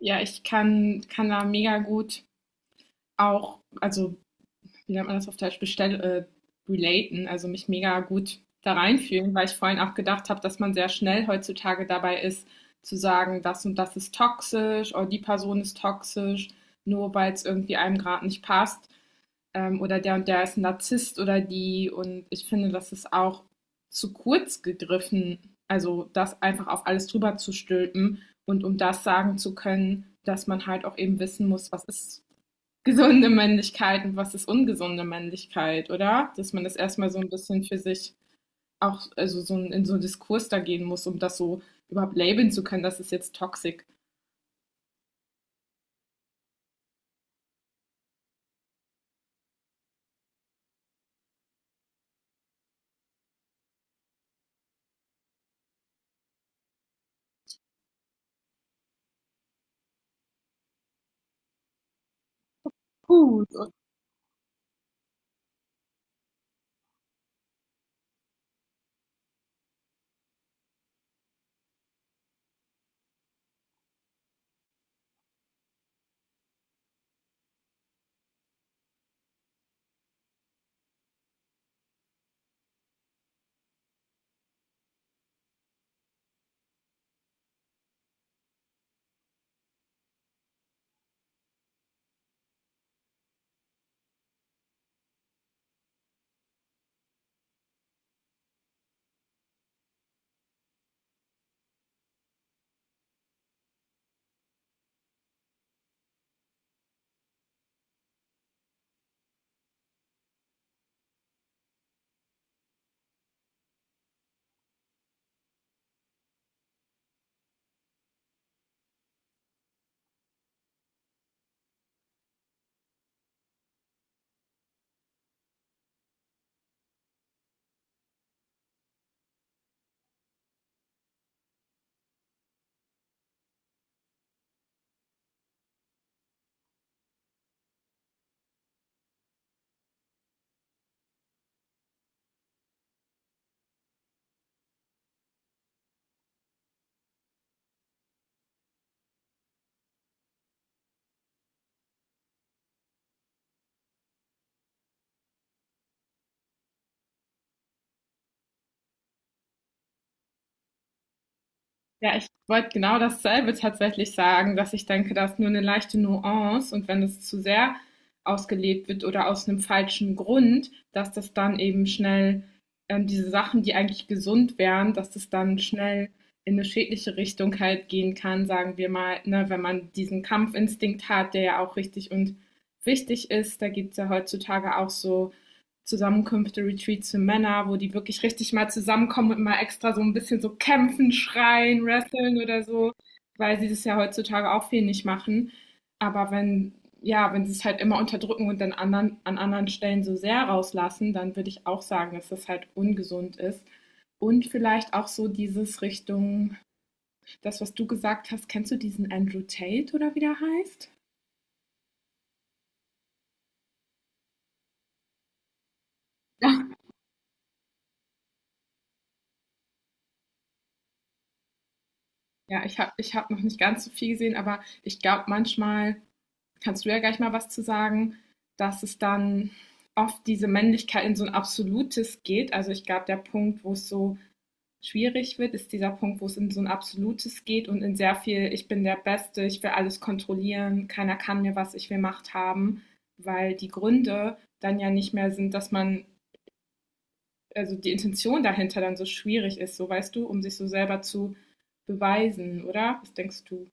Ja, ich kann kann da mega gut auch also, wie nennt man das auf Deutsch, bestell relaten, also mich mega gut da reinfühlen, weil ich vorhin auch gedacht habe, dass man sehr schnell heutzutage dabei ist, zu sagen, das und das ist toxisch oder die Person ist toxisch, nur weil es irgendwie einem grad nicht passt, oder der und der ist ein Narzisst oder die. Und ich finde, das ist auch zu kurz gegriffen, also das einfach auf alles drüber zu stülpen, und um das sagen zu können, dass man halt auch eben wissen muss, was ist gesunde Männlichkeit und was ist ungesunde Männlichkeit, oder? Dass man das erstmal so ein bisschen für sich, auch also so in so einen Diskurs da gehen muss, um das so überhaupt labeln zu können, das ist jetzt toxisch. Gut. Ja, ich wollte genau dasselbe tatsächlich sagen, dass ich denke, da ist nur eine leichte Nuance, und wenn es zu sehr ausgelebt wird oder aus einem falschen Grund, dass das dann eben schnell, diese Sachen, die eigentlich gesund wären, dass das dann schnell in eine schädliche Richtung halt gehen kann, sagen wir mal, ne, wenn man diesen Kampfinstinkt hat, der ja auch richtig und wichtig ist. Da gibt es ja heutzutage auch so Zusammenkünfte, Retreats für Männer, wo die wirklich richtig mal zusammenkommen und mal extra so ein bisschen so kämpfen, schreien, wresteln oder so, weil sie das ja heutzutage auch viel nicht machen. Aber wenn, ja, wenn sie es halt immer unterdrücken und dann anderen, an anderen Stellen so sehr rauslassen, dann würde ich auch sagen, dass das halt ungesund ist. Und vielleicht auch so dieses Richtung, das, was du gesagt hast, kennst du diesen Andrew Tate oder wie der heißt? Ja, ja, ich habe, ich hab noch nicht ganz so viel gesehen, aber ich glaube manchmal, kannst du ja gleich mal was zu sagen, dass es dann oft diese Männlichkeit in so ein absolutes geht. Also ich glaube, der Punkt, wo es so schwierig wird, ist dieser Punkt, wo es in so ein absolutes geht und in sehr viel, ich bin der Beste, ich will alles kontrollieren, keiner kann mir was, ich will Macht haben, weil die Gründe dann ja nicht mehr sind, dass man, also die Intention dahinter dann so schwierig ist, so weißt du, um sich so selber zu beweisen, oder? Was denkst du?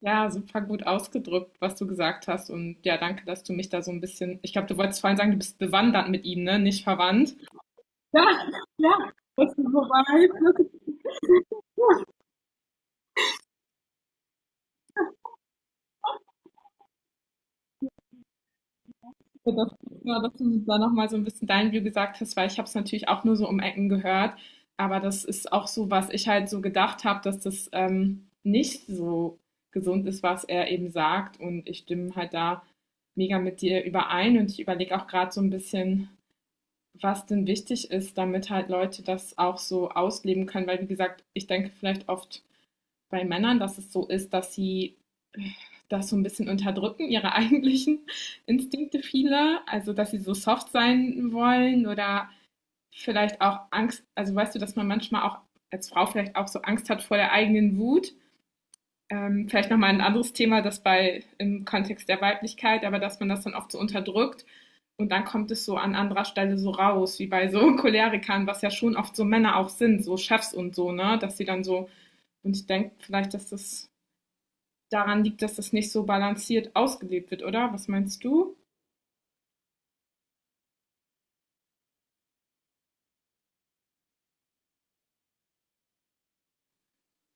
Ja, super gut ausgedrückt, was du gesagt hast. Und ja, danke, dass du mich da so ein bisschen. Ich glaube, du wolltest vorhin sagen, du bist bewandert mit ihm, ne? Nicht verwandt. Ja, ja. Das ist, wobei, das, ja, dass du da nochmal so ein bisschen dein View gesagt hast, weil ich habe es natürlich auch nur so um Ecken gehört. Aber das ist auch so, was ich halt so gedacht habe, dass das, nicht so gesund ist, was er eben sagt. Und ich stimme halt da mega mit dir überein. Und ich überlege auch gerade so ein bisschen, was denn wichtig ist, damit halt Leute das auch so ausleben können. Weil, wie gesagt, ich denke vielleicht oft bei Männern, dass es so ist, dass sie das so ein bisschen unterdrücken, ihre eigentlichen Instinkte viele. Also, dass sie so soft sein wollen oder vielleicht auch Angst, also weißt du, dass man manchmal auch als Frau vielleicht auch so Angst hat vor der eigenen Wut, vielleicht nochmal ein anderes Thema, das bei im Kontext der Weiblichkeit, aber dass man das dann oft so unterdrückt und dann kommt es so an anderer Stelle so raus, wie bei so Cholerikern, was ja schon oft so Männer auch sind, so Chefs und so, ne, dass sie dann so, und ich denke vielleicht, dass das daran liegt, dass das nicht so balanciert ausgelebt wird, oder? Was meinst du?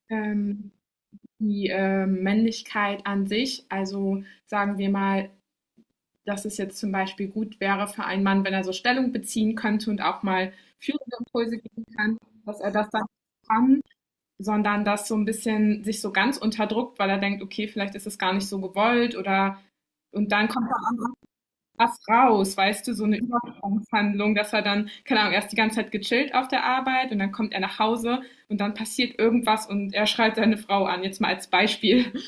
Ähm, die Männlichkeit an sich, also sagen wir mal, dass es jetzt zum Beispiel gut wäre für einen Mann, wenn er so Stellung beziehen könnte und auch mal führende Impulse geben kann, dass er das dann kann, sondern dass so ein bisschen sich so ganz unterdrückt, weil er denkt, okay, vielleicht ist es gar nicht so gewollt oder, und dann kommt dann was raus, weißt du, so eine Übersprungshandlung, dass er dann, keine Ahnung, erst die ganze Zeit gechillt auf der Arbeit und dann kommt er nach Hause und dann passiert irgendwas und er schreit seine Frau an, jetzt mal als Beispiel.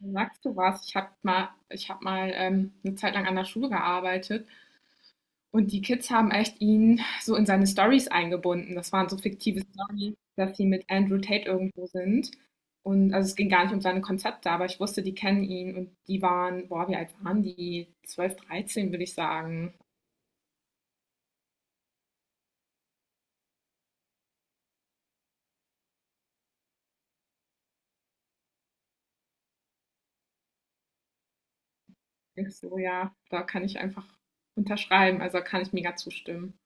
Sagst du was? Ich habe mal, ich hab mal eine Zeit lang an der Schule gearbeitet. Und die Kids haben echt ihn so in seine Stories eingebunden. Das waren so fiktive Storys, dass sie mit Andrew Tate irgendwo sind. Und also es ging gar nicht um seine Konzepte, aber ich wusste, die kennen ihn, und die waren, boah, wie alt waren die? 12, 13, würde ich sagen. Ich so, ja, da kann ich einfach unterschreiben, also da kann ich mega zustimmen.